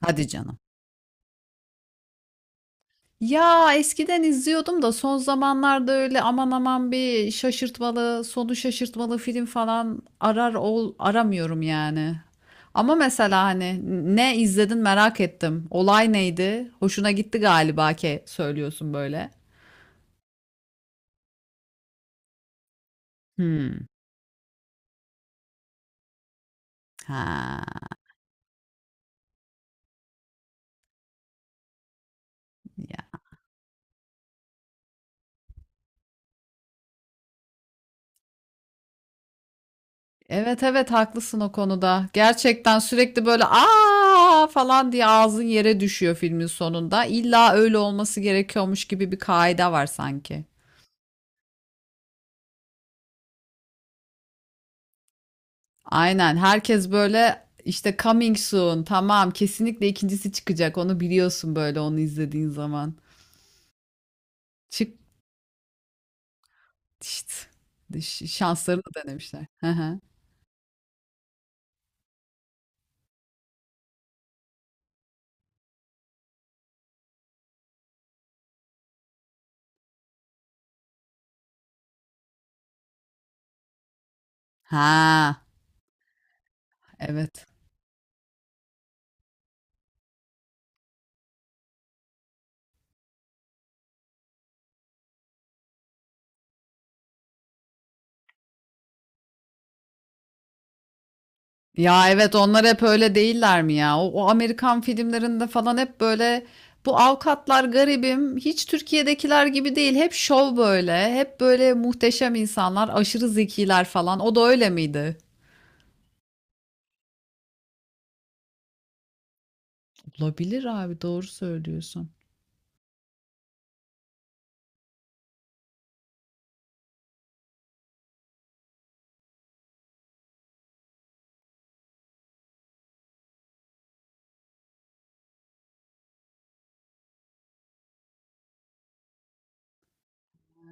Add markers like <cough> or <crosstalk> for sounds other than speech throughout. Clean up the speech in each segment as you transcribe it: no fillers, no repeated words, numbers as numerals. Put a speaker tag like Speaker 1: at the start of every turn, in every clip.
Speaker 1: Hadi canım. Ya eskiden izliyordum da son zamanlarda öyle aman aman bir şaşırtmalı, sonu şaşırtmalı film falan arar ol aramıyorum yani. Ama mesela hani ne izledin merak ettim. Olay neydi? Hoşuna gitti galiba ki söylüyorsun böyle. Hmm. Ha. Ya. Evet, haklısın o konuda. Gerçekten sürekli böyle aa falan diye ağzın yere düşüyor filmin sonunda. İlla öyle olması gerekiyormuş gibi bir kaide var sanki. Aynen. Herkes böyle işte coming soon. Tamam, kesinlikle ikincisi çıkacak. Onu biliyorsun böyle onu izlediğin zaman. Çık işte. Şanslarını denemişler. Hı hı. Ha, evet. Ya evet onlar hep öyle değiller mi ya? O Amerikan filmlerinde falan hep böyle bu avukatlar garibim hiç Türkiye'dekiler gibi değil. Hep şov böyle. Hep böyle muhteşem insanlar, aşırı zekiler falan. O da öyle miydi? Olabilir abi doğru söylüyorsun.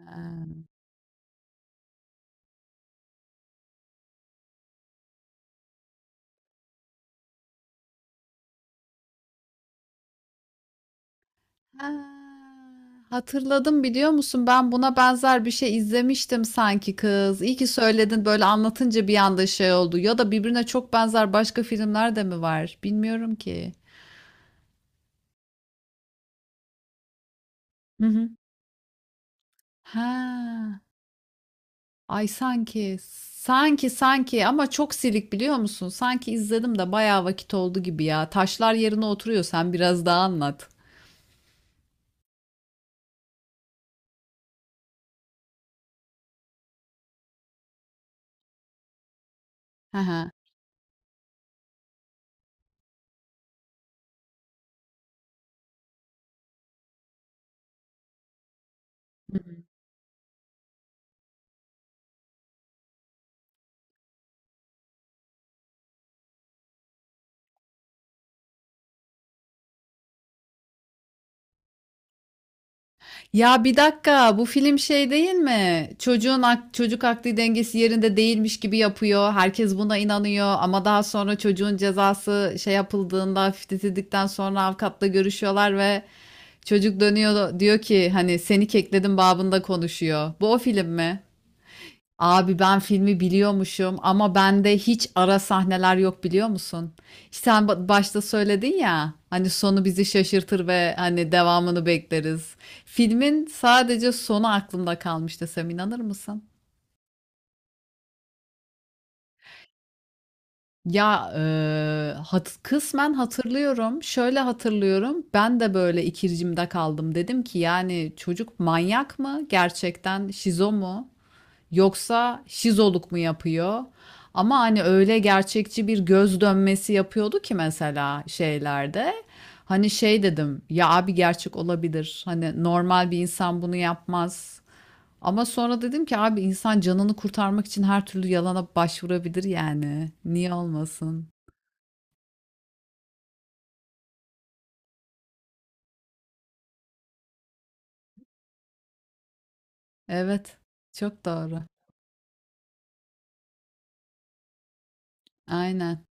Speaker 1: Ha. Ha, hatırladım biliyor musun? Ben buna benzer bir şey izlemiştim sanki kız. İyi ki söyledin böyle anlatınca bir anda şey oldu. Ya da birbirine çok benzer başka filmler de mi var? Bilmiyorum ki. Hı hı. Ha, ay sanki sanki ama çok silik biliyor musun? Sanki izledim de bayağı vakit oldu gibi ya. Taşlar yerine oturuyor sen biraz daha anlat. Hı hı. Ya bir dakika bu film şey değil mi? Çocuk akli dengesi yerinde değilmiş gibi yapıyor. Herkes buna inanıyor ama daha sonra çocuğun cezası şey yapıldığında hafifletildikten sonra avukatla görüşüyorlar ve çocuk dönüyor diyor ki hani seni kekledim babında konuşuyor. Bu o film mi? Abi ben filmi biliyormuşum ama bende hiç ara sahneler yok biliyor musun? İşte sen başta söyledin ya hani sonu bizi şaşırtır ve hani devamını bekleriz. Filmin sadece sonu aklımda kalmış desem inanır mısın? Ya kısmen hatırlıyorum. Şöyle hatırlıyorum. Ben de böyle ikircimde kaldım. Dedim ki yani çocuk manyak mı? Gerçekten şizo mu? Yoksa şizoluk mu yapıyor? Ama hani öyle gerçekçi bir göz dönmesi yapıyordu ki mesela şeylerde. Hani şey dedim ya abi gerçek olabilir. Hani normal bir insan bunu yapmaz. Ama sonra dedim ki abi insan canını kurtarmak için her türlü yalana başvurabilir yani. Niye olmasın? Evet, çok doğru. Aynen.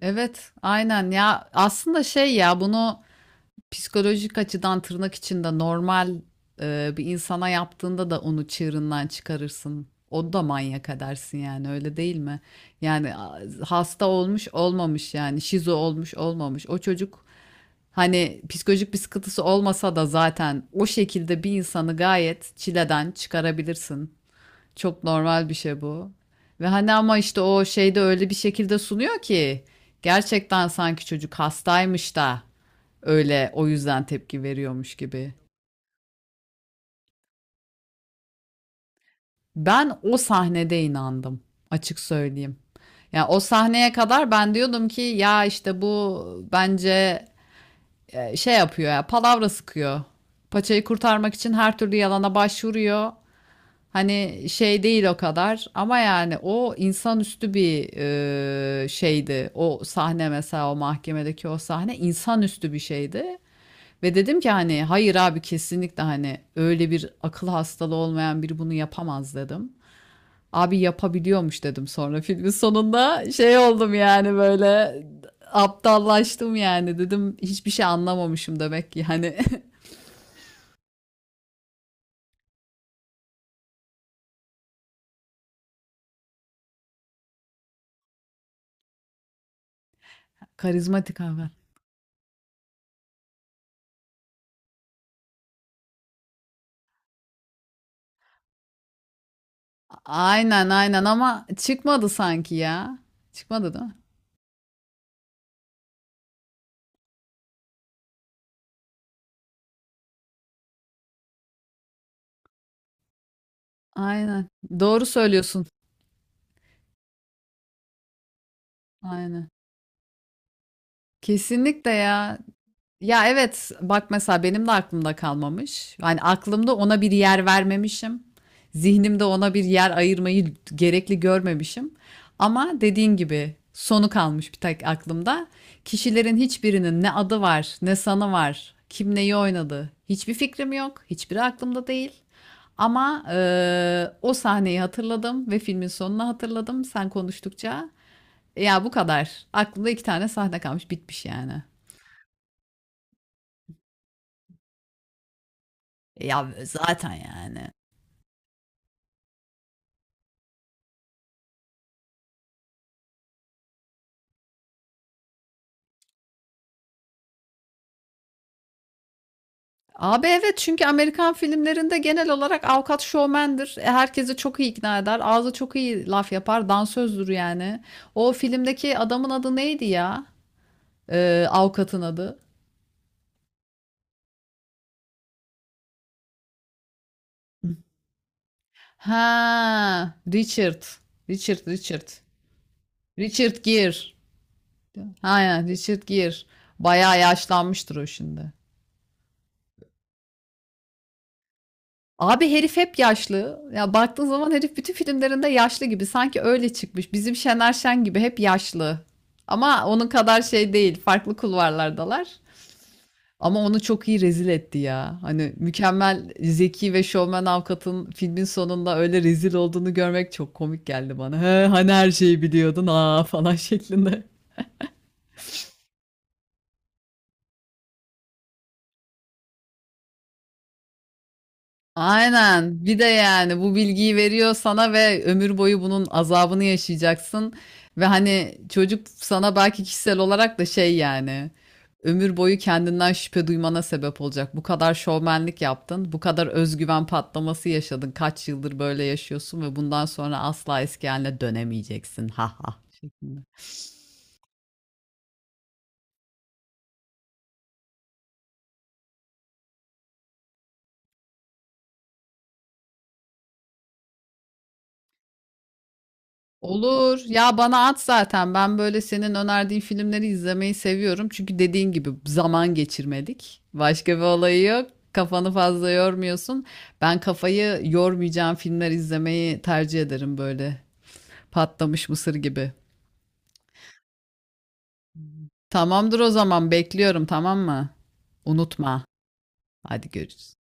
Speaker 1: Evet, aynen ya aslında şey ya bunu psikolojik açıdan tırnak içinde normal bir insana yaptığında da onu çığırından çıkarırsın. O da manyak edersin yani öyle değil mi? Yani hasta olmuş olmamış yani şizo olmuş olmamış. O çocuk hani psikolojik bir sıkıntısı olmasa da zaten o şekilde bir insanı gayet çileden çıkarabilirsin. Çok normal bir şey bu. Ve hani ama işte o şeyde öyle bir şekilde sunuyor ki gerçekten sanki çocuk hastaymış da öyle o yüzden tepki veriyormuş gibi. Ben o sahnede inandım açık söyleyeyim. Ya o sahneye kadar ben diyordum ki ya işte bu bence şey yapıyor ya palavra sıkıyor. Paçayı kurtarmak için her türlü yalana başvuruyor. Hani şey değil o kadar ama yani o insanüstü bir şeydi. O sahne mesela o mahkemedeki o sahne insanüstü bir şeydi. Ve dedim ki hani hayır abi kesinlikle hani öyle bir akıl hastalığı olmayan biri bunu yapamaz dedim. Abi yapabiliyormuş dedim sonra <laughs> filmin sonunda şey oldum yani böyle aptallaştım yani dedim hiçbir şey anlamamışım demek ki hani <laughs> karizmatik abi. Aynen, ama çıkmadı sanki ya. Çıkmadı değil mi? Aynen. Doğru söylüyorsun. Aynen. Kesinlikle ya. Ya evet bak mesela benim de aklımda kalmamış. Yani aklımda ona bir yer vermemişim. Zihnimde ona bir yer ayırmayı gerekli görmemişim. Ama dediğin gibi sonu kalmış bir tek aklımda. Kişilerin hiçbirinin ne adı var, ne sanı var, kim neyi oynadı. Hiçbir fikrim yok. Hiçbiri aklımda değil. Ama o sahneyi hatırladım ve filmin sonunu hatırladım sen konuştukça. Ya bu kadar. Aklımda iki tane sahne kalmış, bitmiş yani. Ya, zaten yani. Abi evet çünkü Amerikan filmlerinde genel olarak avukat şovmendir. E, herkesi çok iyi ikna eder. Ağzı çok iyi laf yapar. Dansözdür yani. O filmdeki adamın adı neydi ya? Avukatın adı. Ha, Richard. Richard. Richard Gere. Ha ya, Richard Gere. Bayağı yaşlanmıştır o şimdi. Abi herif hep yaşlı. Ya baktığın zaman herif bütün filmlerinde yaşlı gibi. Sanki öyle çıkmış. Bizim Şener Şen gibi hep yaşlı. Ama onun kadar şey değil. Farklı kulvarlardalar. Ama onu çok iyi rezil etti ya. Hani mükemmel zeki ve şovmen avukatın filmin sonunda öyle rezil olduğunu görmek çok komik geldi bana. He, hani her şeyi biliyordun ha falan <laughs> şeklinde. Aynen. Bir de yani bu bilgiyi veriyor sana ve ömür boyu bunun azabını yaşayacaksın. Ve hani çocuk sana belki kişisel olarak da şey yani ömür boyu kendinden şüphe duymana sebep olacak. Bu kadar şovmenlik yaptın, bu kadar özgüven patlaması yaşadın. Kaç yıldır böyle yaşıyorsun ve bundan sonra asla eski haline dönemeyeceksin. Ha ha, şeklinde. Olur. Ya bana at zaten. Ben böyle senin önerdiğin filmleri izlemeyi seviyorum. Çünkü dediğin gibi zaman geçirmedik. Başka bir olayı yok. Kafanı fazla yormuyorsun. Ben kafayı yormayacağım filmler izlemeyi tercih ederim böyle. Patlamış mısır gibi. Tamamdır o zaman bekliyorum tamam mı? Unutma. Hadi görüşürüz.